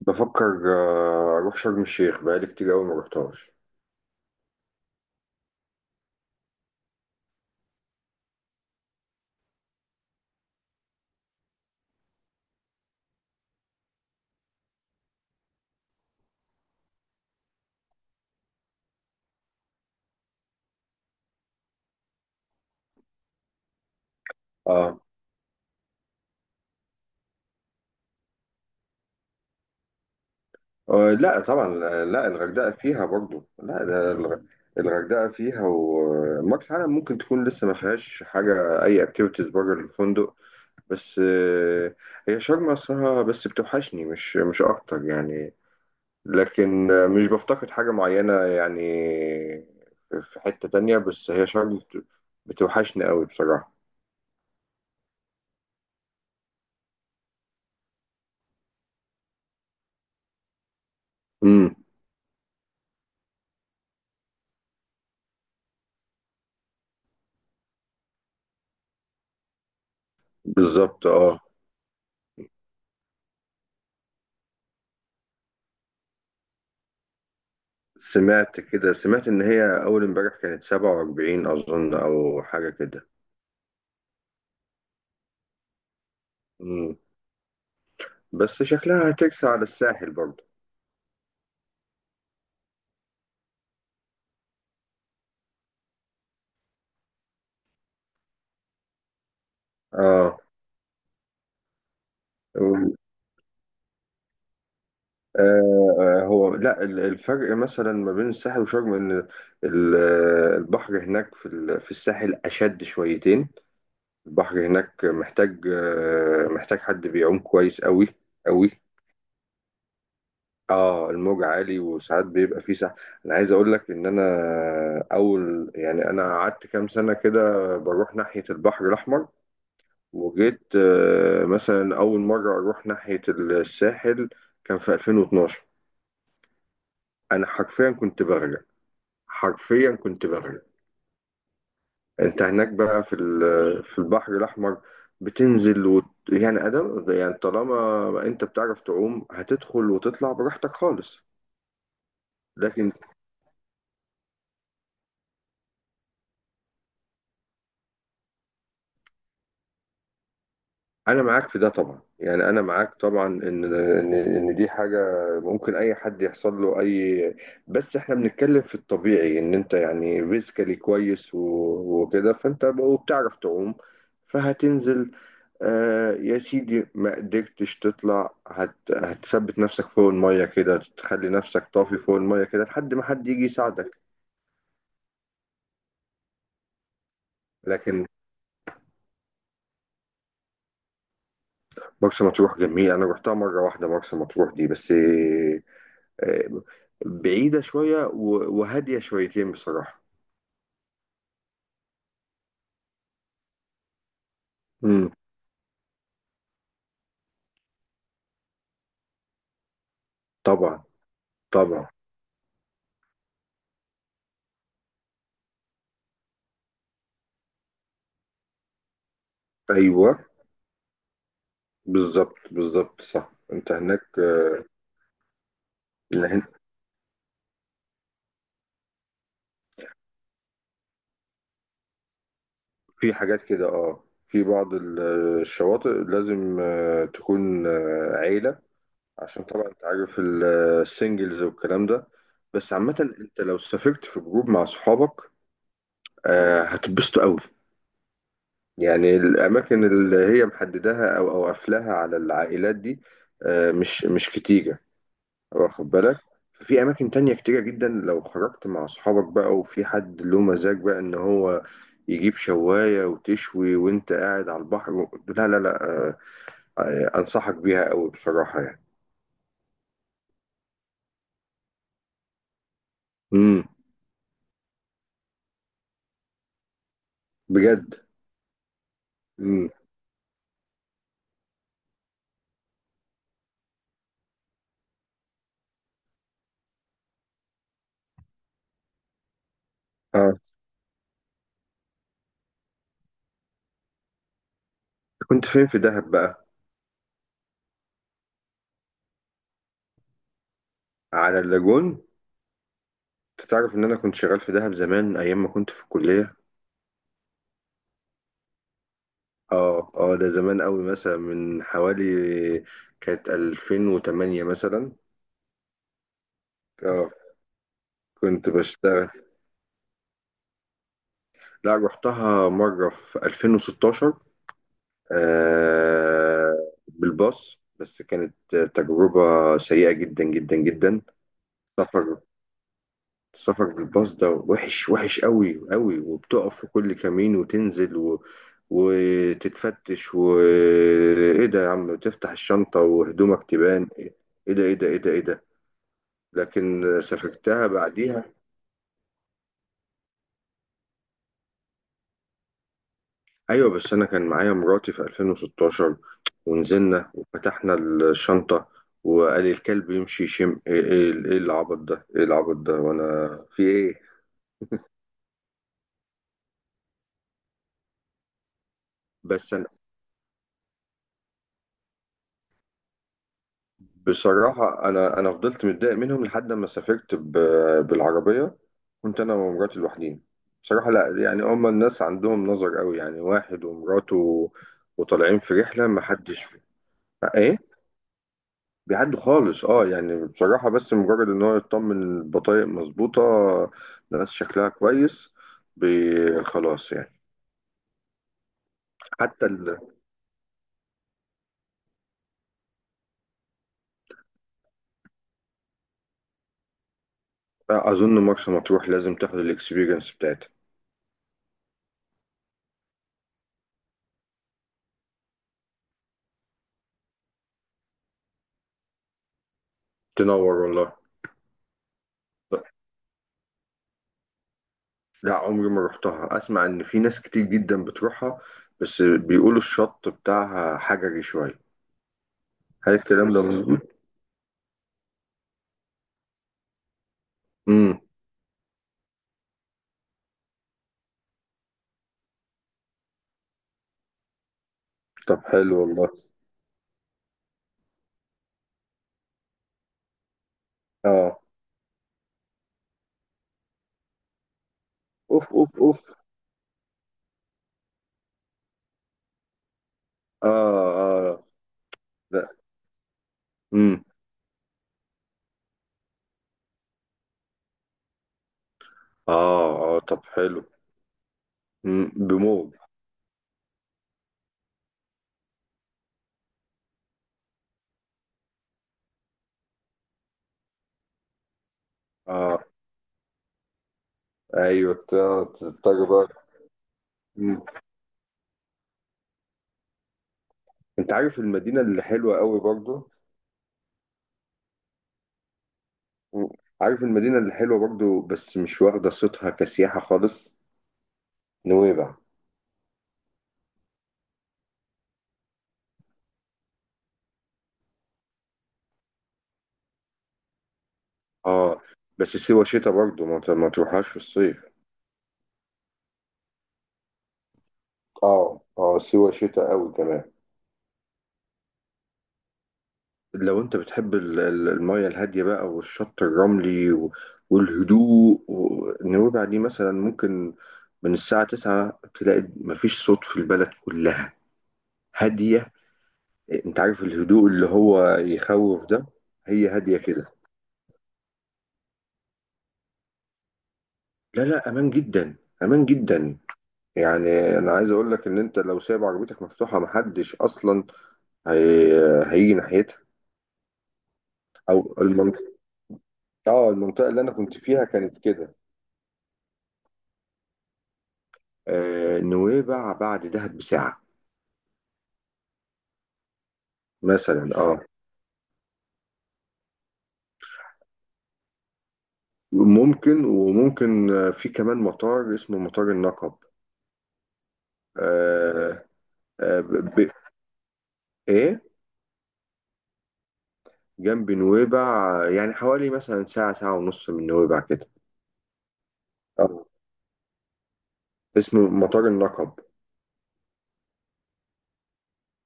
بفكر اروح شرم الشيخ بقالي كتير قوي ما رحتهاش. اه. لا طبعا. لا الغردقه فيها برضو، لا ده الغردقه فيها ومرسى علم ممكن تكون لسه ما فيهاش حاجه، اي اكتيفيتيز بره الفندق. بس هي شرم اصلها، بس بتوحشني مش اكتر يعني. لكن مش بفتقد حاجه معينه يعني. في حته تانية، بس هي شرم بتوحشني قوي بصراحه. امم. بالظبط اه. سمعت كده، سمعت إن هي أول امبارح كانت 47 أظن أو حاجة كده. مم. بس شكلها هترسى على الساحل برضه. آه و- هو لا الفرق مثلا ما بين الساحل وشرم إن ال- البحر هناك في الساحل أشد شويتين. البحر هناك محتاج حد بيعوم كويس أوي أوي. اه الموج عالي وساعات بيبقى فيه سحب. انا عايز اقول لك ان انا اول، يعني انا قعدت كام سنه كده بروح ناحيه البحر الاحمر. وجيت مثلا اول مره اروح ناحيه الساحل كان في 2012. انا حرفيا كنت بغرق، حرفيا كنت بغرق. انت هناك بقى في البحر الاحمر يعني ادم، يعني طالما انت بتعرف تعوم هتدخل وتطلع براحتك خالص. لكن انا معاك في ده طبعا، يعني انا معاك طبعا ان دي حاجه ممكن اي حد يحصل له اي. بس احنا بنتكلم في الطبيعي ان انت يعني فيزيكالي كويس وكده، فانت وبتعرف تعوم، فهتنزل. آه يا سيدي، ما قدرتش تطلع هتثبت نفسك فوق الميه كده، تخلي نفسك طافي فوق الميه كده لحد ما حد يجي يساعدك. لكن مرسى مطروح جميل، انا رحتها مره واحده مرسى مطروح دي بس. آه، بعيدة شوية وهادية شويتين بصراحة. امم. طبعا طبعا. أيوه بالظبط بالظبط صح. أنت هناك إن هن- في حاجات كده، في بعض الشواطئ لازم تكون عيلة. عشان طبعا أنت عارف السنجلز والكلام ده. بس عامة أنت لو سافرت في جروب مع صحابك، هتتبسطوا أوي. يعني الأماكن اللي هي محددها أو قافلاها على العائلات دي، مش كتير. واخد بالك. في اماكن تانية كتيرة جدا، لو خرجت مع اصحابك بقى وفي حد له مزاج بقى ان هو يجيب شواية وتشوي وانت قاعد على البحر لا لا لا، انصحك بيها قوي بصراحة يعني. امم. بجد. امم. اه كنت فين في دهب بقى. على اللاجون. انت تعرف ان انا كنت شغال في دهب زمان ايام ما كنت في الكلية. اه اه، ده زمان قوي مثلا من حوالي، كانت 2008 مثلا. اه كنت بشتغل. لا رحتها مرة في 2016. آه. بالباص، بس كانت تجربة سيئة جدا جدا جدا. سفر. السفر بالباص ده وحش وحش قوي قوي، وبتقف في كل كمين وتنزل وتتفتش. وايه ده يا عم؟ تفتح الشنطة وهدومك تبان ايه. ده ايه ده ايه ده ايه ده. لكن سافرتها بعديها. ايوه بس انا كان معايا مراتي في 2016 ونزلنا وفتحنا الشنطه، وقال لي الكلب يمشي يشم. ايه ايه إيه العبط ده؟ ايه العبط ده؟ وانا في ايه؟ بس انا بصراحه، انا فضلت متضايق منهم لحد ما سافرت بالعربيه، كنت انا ومراتي لوحدين. بصراحه لا، يعني هما الناس عندهم نظر قوي، يعني واحد ومراته وطالعين في رحله، ما حدش. ايه. بيعدوا خالص اه. يعني بصراحة، بس مجرد ان هو يطمن إن البطايق مظبوطة، الناس شكلها كويس، خلاص يعني. حتى ال... اظن مرسى مطروح لازم تاخد الاكسبيرينس بتاعتها. تنور والله. لا عمري ما رحتها، اسمع ان في ناس كتير جدا بتروحها، بس بيقولوا الشط بتاعها حجري شوية. هل الكلام ده مظبوط؟ امم. طب حلو والله. اه اوف اوف اوف. اه اه لا. امم. اه اه طب حلو. بموج. اه ايوه، تضطر بقى. مم. انت عارف المدينه اللي حلوه قوي برضو. مم. عارف المدينه اللي حلوه برضو بس مش واخده صيتها كسياحه خالص. نويبع. اه بس سيوه شتاء برضو، ما تروحهاش في الصيف. اه اه، سيوه شتاء قوي كمان. لو انت بتحب الميه الهاديه بقى والشط الرملي والهدوء نويبع دي مثلا ممكن من الساعه 9 تلاقي مفيش صوت في البلد كلها. هاديه. انت عارف الهدوء اللي هو يخوف ده. هي هاديه كده. لا لا، امان جدا، امان جدا. يعني انا عايز اقول لك ان انت لو سايب عربيتك مفتوحه محدش اصلا هي... هيجي ناحيتها، او المنطقه. اه المنطقه اللي انا كنت فيها كانت كده. آه نويبع بعد دهب بساعه مثلا. اه ممكن وممكن، في كمان مطار اسمه مطار النقب. آه. آه ب... ب... ايه. جنب نويبع يعني حوالي مثلا ساعه ساعه ونص من نويبع كده. اه اسمه مطار النقب.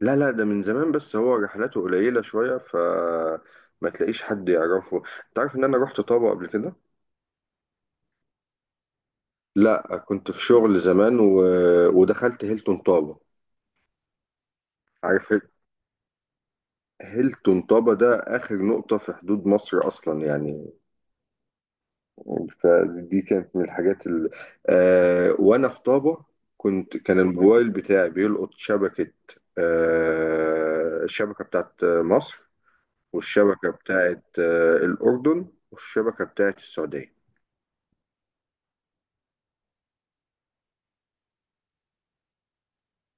لا لا، ده من زمان بس هو رحلاته قليلة شوية، ف ما تلاقيش حد يعرفه. انت عارف ان انا رحت طابة قبل كده. لا كنت في شغل زمان ودخلت هيلتون طابة. عارف هيلتون طابة ده اخر نقطة في حدود مصر اصلا يعني. فدي كانت من الحاجات آه، وانا في طابة كان الموبايل بتاعي بيلقط شبكة. الشبكة بتاعت مصر، والشبكة بتاعت الأردن، والشبكة بتاعت السعودية.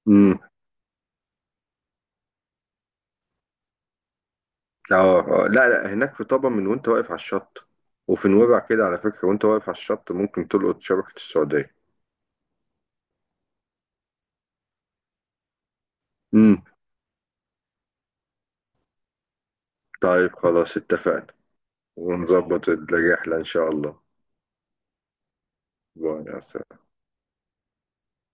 امم. اه لا لا، هناك في طبعا من وانت واقف على الشط، وفي نويبع كده على فكرة وانت واقف على الشط ممكن تلقط شبكة السعودية. امم. طيب خلاص اتفقنا، ونظبط الرحلة إن شاء الله. باي يا سلام.